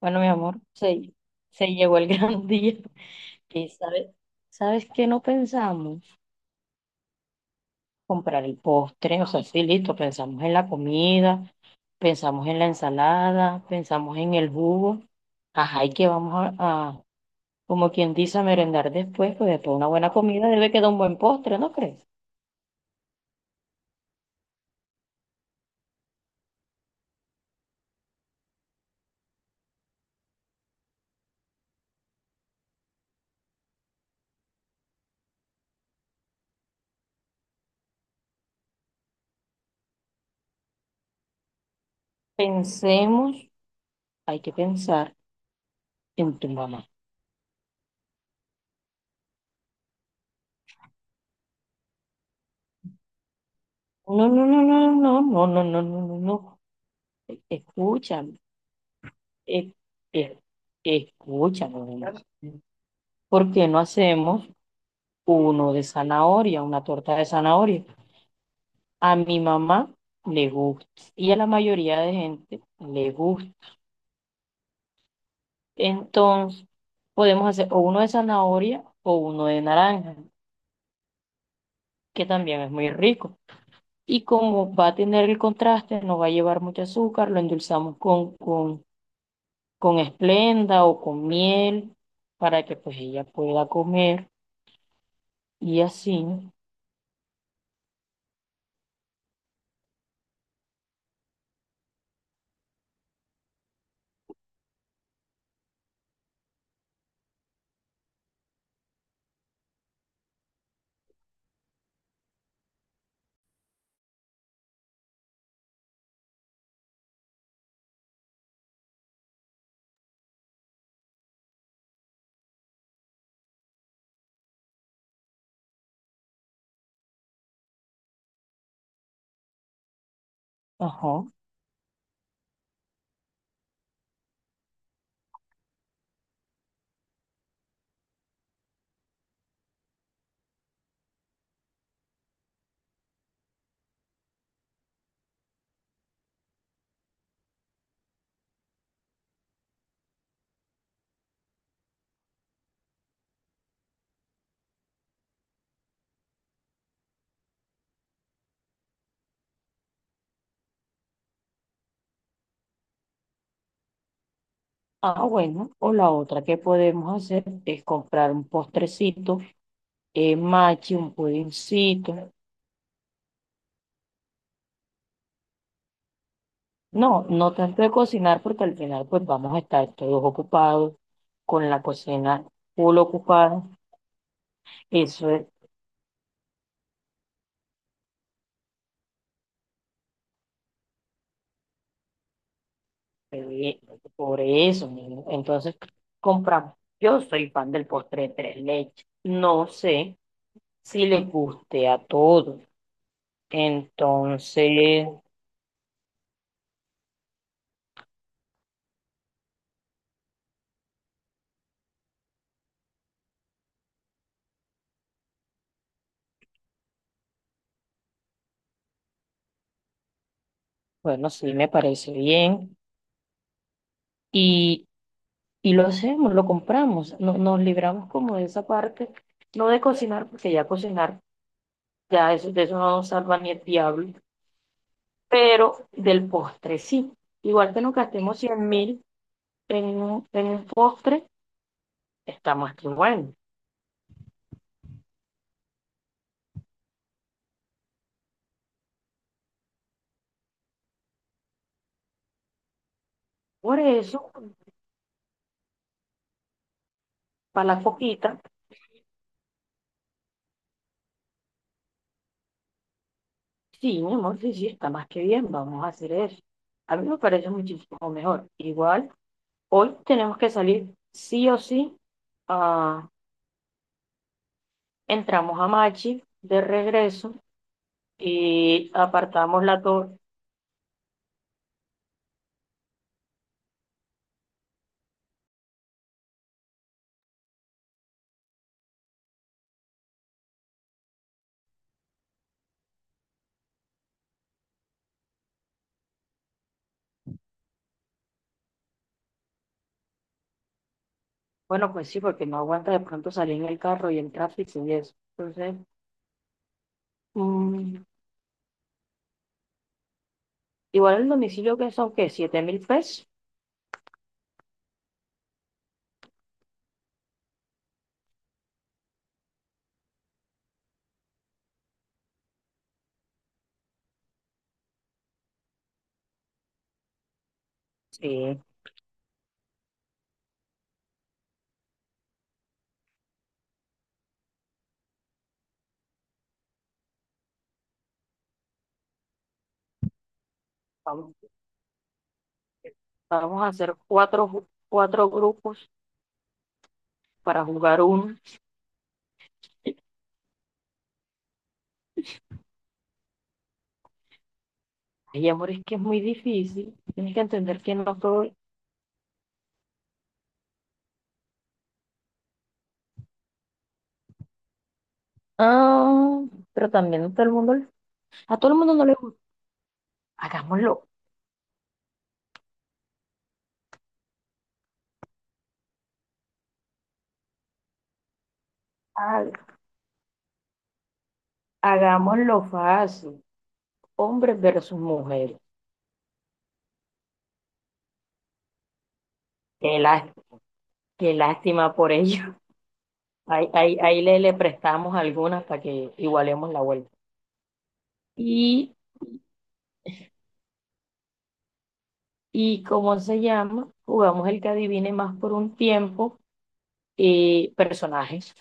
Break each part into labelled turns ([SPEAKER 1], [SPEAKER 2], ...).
[SPEAKER 1] Bueno, mi amor, se llegó el gran día. ¿Y sabes, sabes qué no pensamos? Comprar el postre, o sea, sí, listo, pensamos en la comida, pensamos en la ensalada, pensamos en el jugo. Ajá, y que vamos como quien dice, a merendar después, pues después de una buena comida debe quedar un buen postre, ¿no crees? Pensemos, hay que pensar en tu mamá. No, no, no, no, no, no, no, no, no, no, no, no. Escucha. Eh, eh, escúchame, Brenda, ¿por qué no hacemos uno de zanahoria, una torta de zanahoria? A mi mamá le gusta y a la mayoría de gente le gusta. Entonces, podemos hacer o uno de zanahoria o uno de naranja, que también es muy rico. Y como va a tener el contraste, no va a llevar mucho azúcar, lo endulzamos con esplenda o con miel para que pues ella pueda comer y así. Ajá. Ah, bueno, o la otra que podemos hacer es comprar un postrecito, machi, un pudincito. No, no tanto de cocinar porque al final pues vamos a estar todos ocupados con la cocina full ocupada. Eso es, eh, por eso, niño. Entonces compramos. Yo soy fan del postre de tres leches. No sé si les guste a todos. Entonces, bueno, sí me parece bien. Y Y lo hacemos, lo compramos, no, nos libramos como de esa parte, no de cocinar, porque ya cocinar, ya eso, de eso no nos salva ni el diablo, pero del postre sí. Igual que nos gastemos 100.000 en, en un postre, está más que bueno. Por eso, para la coquita, sí, mi amor, sí, sí, está más que bien, vamos a hacer eso. A mí me parece muchísimo mejor. Igual, hoy tenemos que salir sí o sí, ah, entramos a Machi de regreso y apartamos la torre. Bueno, pues sí, porque no aguanta de pronto salir en el carro y el tráfico y eso. Entonces, mm, igual el domicilio que son, ¿qué? ¿7.000 pesos? Sí, vamos, vamos a hacer cuatro, cuatro grupos para jugar uno. Ay, amor, es que es muy difícil. Tienes que entender que no todo... Ah, pero también a todo el mundo, a todo el mundo no le gusta. Hagámoslo, ha- hagámoslo fácil. Hombres versus mujeres. Qué lá- qué lástima por ellos. Ahí, ahí, ahí le, le prestamos algunas para que igualemos la vuelta. Y, y ¿cómo se llama? Jugamos el que adivine más por un tiempo, personajes,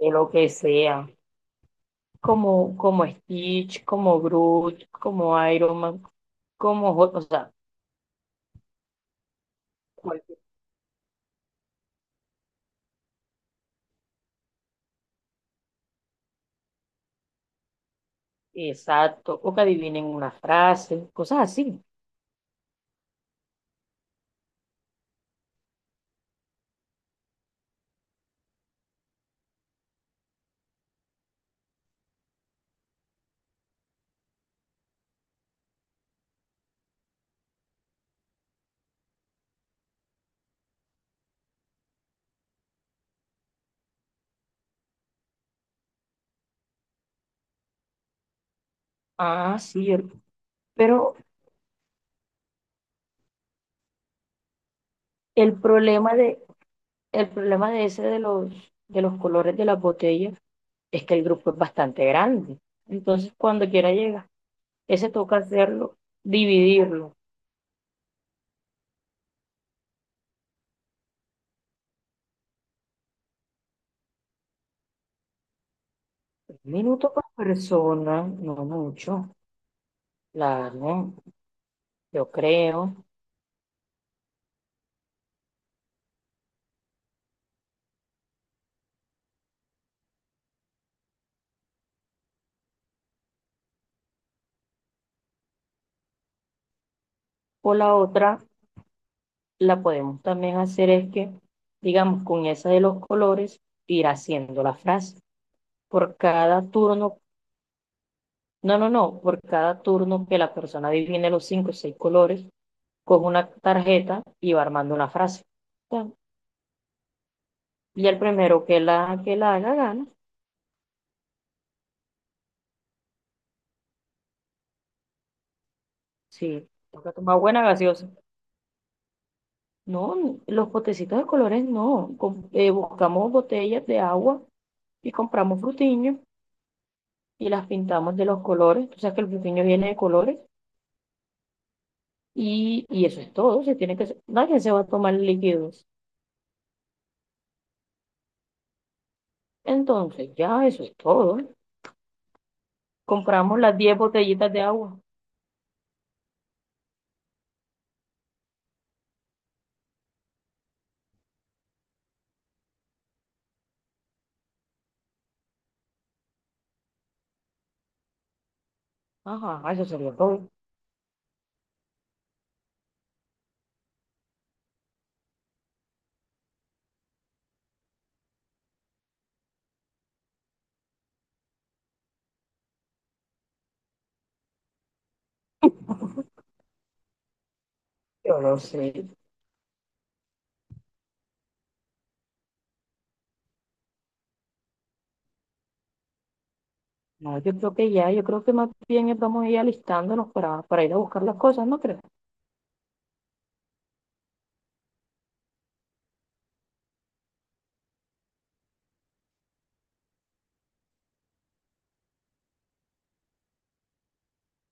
[SPEAKER 1] de lo que sea, como, como Stitch, como Groot, como Iron Man, como Hulk, o sea, cualquier- exacto, o que adivinen una frase, cosas así. Ah, sí, el- pero el problema de, el problema de ese de los colores de las botellas es que el grupo es bastante grande. Entonces, cuando quiera llega, ese toca hacerlo, dividirlo. Un minuto por persona, no mucho, claro, yo creo. O la otra, la podemos también hacer es que, digamos, con esa de los colores, ir haciendo la frase. Por cada turno, no, no, no, por cada turno que la persona divine los cinco o seis colores, con una tarjeta y va armando una frase. Y el primero que la haga gana. Sí, toca tomar buena gaseosa. No, los potecitos de colores no. Buscamos botellas de agua y compramos frutiños y las pintamos de los colores. Tú sabes que el frutiño viene de colores y eso es todo. Se tiene que, nadie se va a tomar líquidos. Entonces, ya eso es todo. Compramos las 10 botellitas de agua. Ajá, eso sería todo. Yo no sé. No, yo creo que ya, yo creo que más bien vamos a ir alistándonos para ir a buscar las cosas, ¿no crees?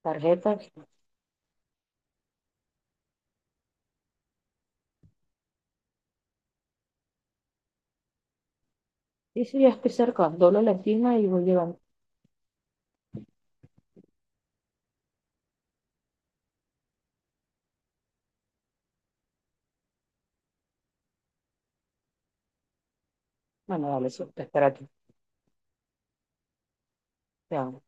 [SPEAKER 1] Tarjetas, sí, sí, ya estoy cerca. Doblo la esquina y voy llegando. Bueno, dale, sí, te espero aquí. Te amo.